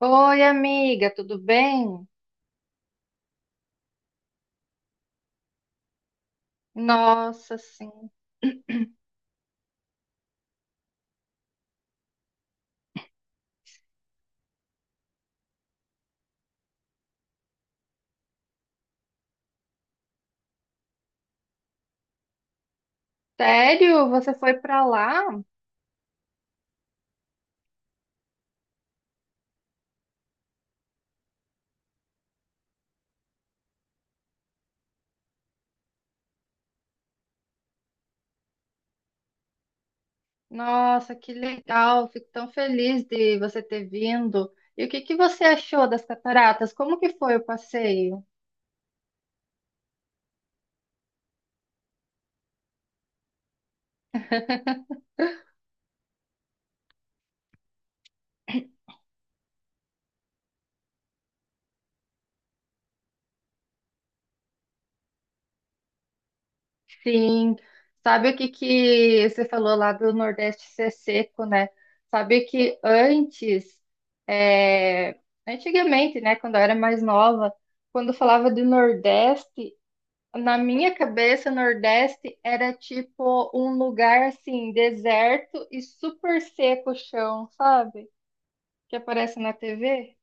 Oi, amiga, tudo bem? Nossa, sim. Sério? Você foi pra lá? Nossa, que legal. Fico tão feliz de você ter vindo. E o que que você achou das cataratas? Como que foi o passeio? Sim. Sabe o que que você falou lá do Nordeste ser seco, né? Sabe que antes, é, antigamente, né, quando eu era mais nova, quando falava de Nordeste, na minha cabeça, Nordeste era tipo um lugar assim, deserto e super seco o chão, sabe? Que aparece na TV.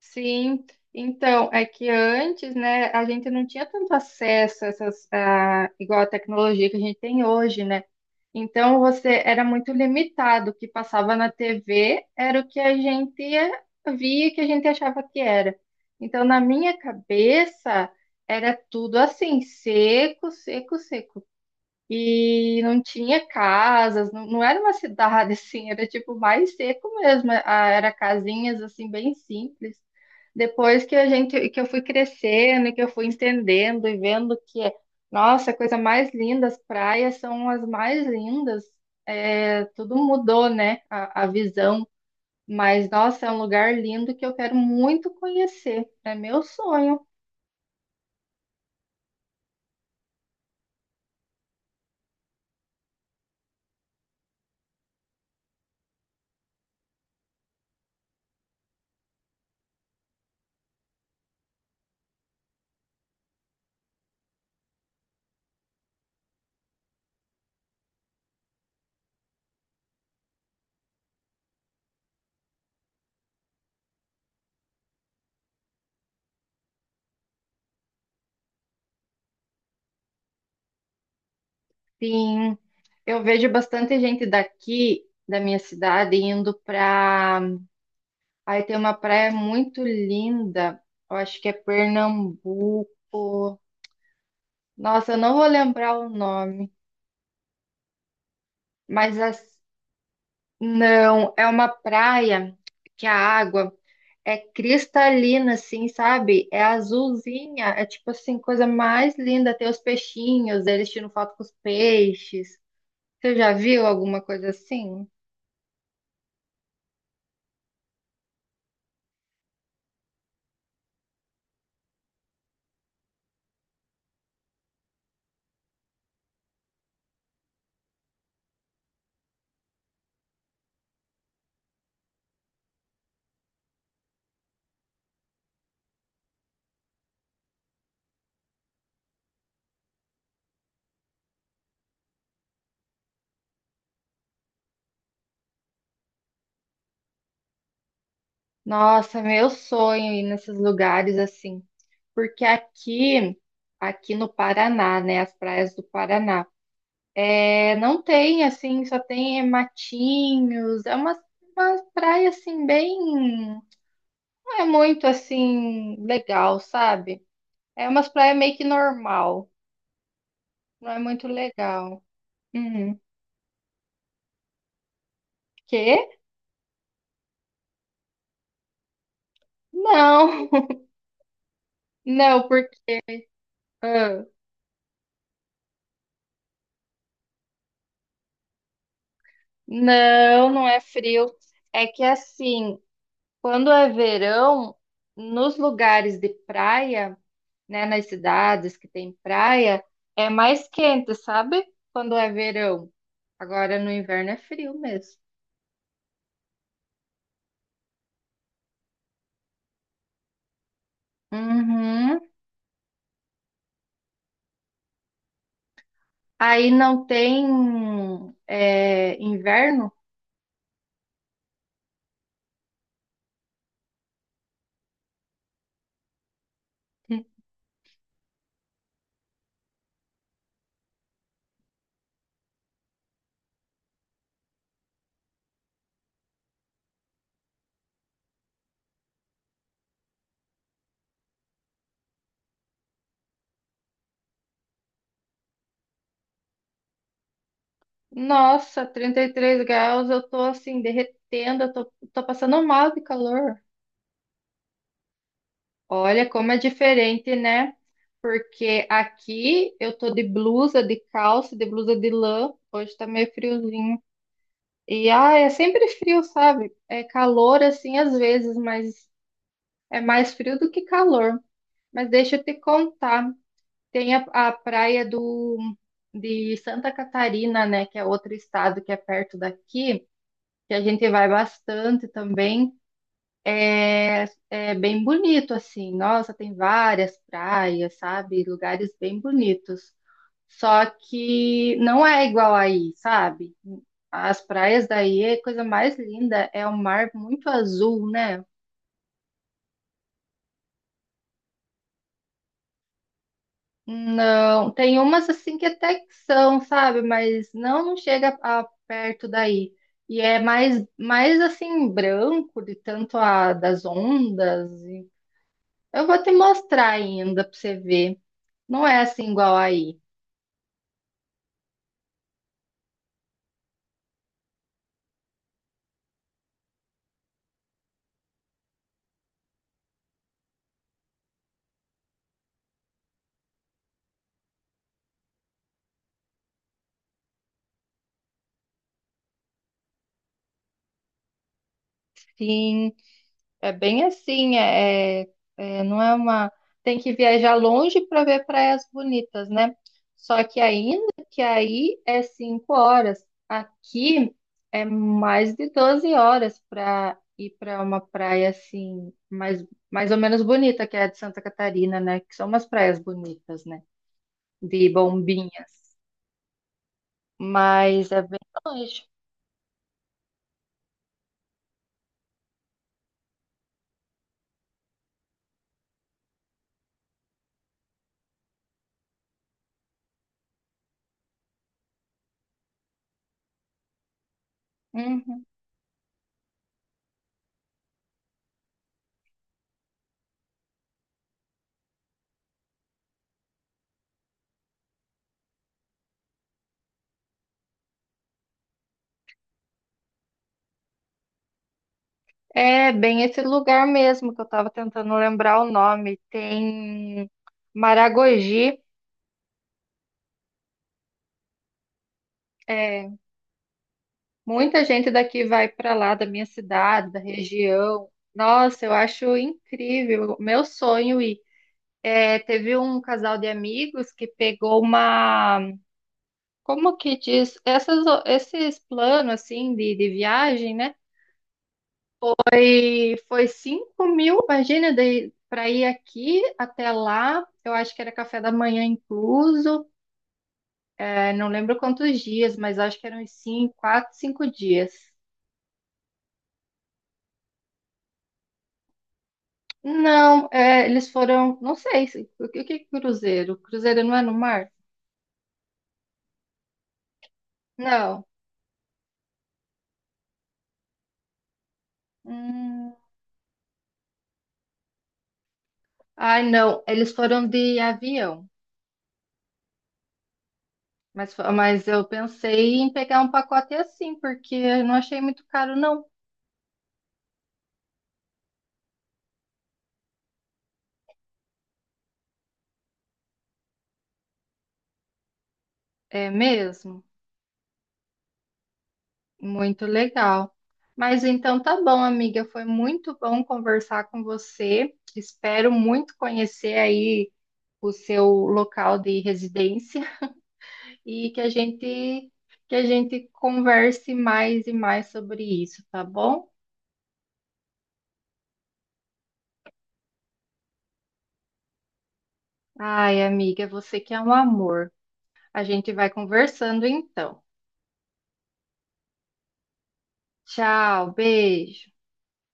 Sim, então, é que antes, né, a gente não tinha tanto acesso a essas, igual a tecnologia que a gente tem hoje, né? Então, você era muito limitado. O que passava na TV era o que a gente via, que a gente achava que era. Então, na minha cabeça, era tudo assim, seco, seco, seco e não tinha casas, não, não era uma cidade assim, era tipo mais seco mesmo, era casinhas assim bem simples. Depois que que eu fui crescendo, e que eu fui entendendo e vendo que, nossa, a coisa mais linda, as praias são as mais lindas. É, tudo mudou, né? A visão. Mas, nossa, é um lugar lindo que eu quero muito conhecer. É meu sonho. Sim. Eu vejo bastante gente daqui da minha cidade indo pra. Aí tem uma praia muito linda. Eu acho que é Pernambuco. Nossa, eu não vou lembrar o nome, mas as- não, é uma praia que a água é cristalina, assim, sabe? É azulzinha, é tipo assim, coisa mais linda. Tem os peixinhos, eles tiram foto com os peixes. Você já viu alguma coisa assim? Nossa, meu sonho ir nesses lugares assim, porque aqui no Paraná, né, as praias do Paraná, não tem assim, só tem matinhos, é uma praia assim bem, não é muito assim legal, sabe? É umas praias meio que normal, não é muito legal. Uhum. Quê? Não, não, porque ah, não, não é frio. É que assim, quando é verão, nos lugares de praia, né, nas cidades que tem praia, é mais quente, sabe? Quando é verão. Agora no inverno é frio mesmo. Uhum. Aí não tem inverno? Nossa, 33 graus, eu tô assim derretendo, eu tô passando mal de calor. Olha como é diferente, né? Porque aqui eu tô de blusa, de calça, de blusa de lã. Hoje tá meio friozinho. E é sempre frio, sabe? É calor assim às vezes, mas é mais frio do que calor. Mas deixa eu te contar. Tem a praia do de Santa Catarina, né, que é outro estado que é perto daqui, que a gente vai bastante também. É bem bonito, assim. Nossa, tem várias praias, sabe? Lugares bem bonitos. Só que não é igual aí, sabe? As praias daí é a coisa mais linda, é o mar muito azul, né? Não, tem umas assim que até que são, sabe? Mas não chega perto daí. E é mais assim, branco, de tanto a das ondas. Eu vou te mostrar ainda pra você ver. Não é assim igual aí. Sim, é bem assim, não é uma. Tem que viajar longe para ver praias bonitas, né? Só que ainda que aí é 5 horas. Aqui é mais de 12 horas para ir para uma praia assim, mais ou menos bonita, que é a de Santa Catarina, né? Que são umas praias bonitas, né? De bombinhas. Mas é bem longe. Uhum. É bem esse lugar mesmo que eu estava tentando lembrar o nome. Tem Maragogi. É, muita gente daqui vai para lá, da minha cidade, da região. Nossa, eu acho incrível. Meu sonho ir. É, teve um casal de amigos que pegou uma, como que diz, esses planos assim de viagem, né? Foi 5 mil, imagina, para ir aqui até lá. Eu acho que era café da manhã incluso. É, não lembro quantos dias, mas acho que eram uns 5, 4, 5 dias. Não, eles foram. Não sei. O que é cruzeiro? Cruzeiro não é no mar? Não. Hum, ai, não. Eles foram de avião. Mas eu pensei em pegar um pacote assim, porque eu não achei muito caro, não. É mesmo? Muito legal. Mas então tá bom, amiga. Foi muito bom conversar com você. Espero muito conhecer aí o seu local de residência e que a gente converse mais e mais sobre isso, tá bom? Ai, amiga, você que é um amor. A gente vai conversando então. Tchau, beijo.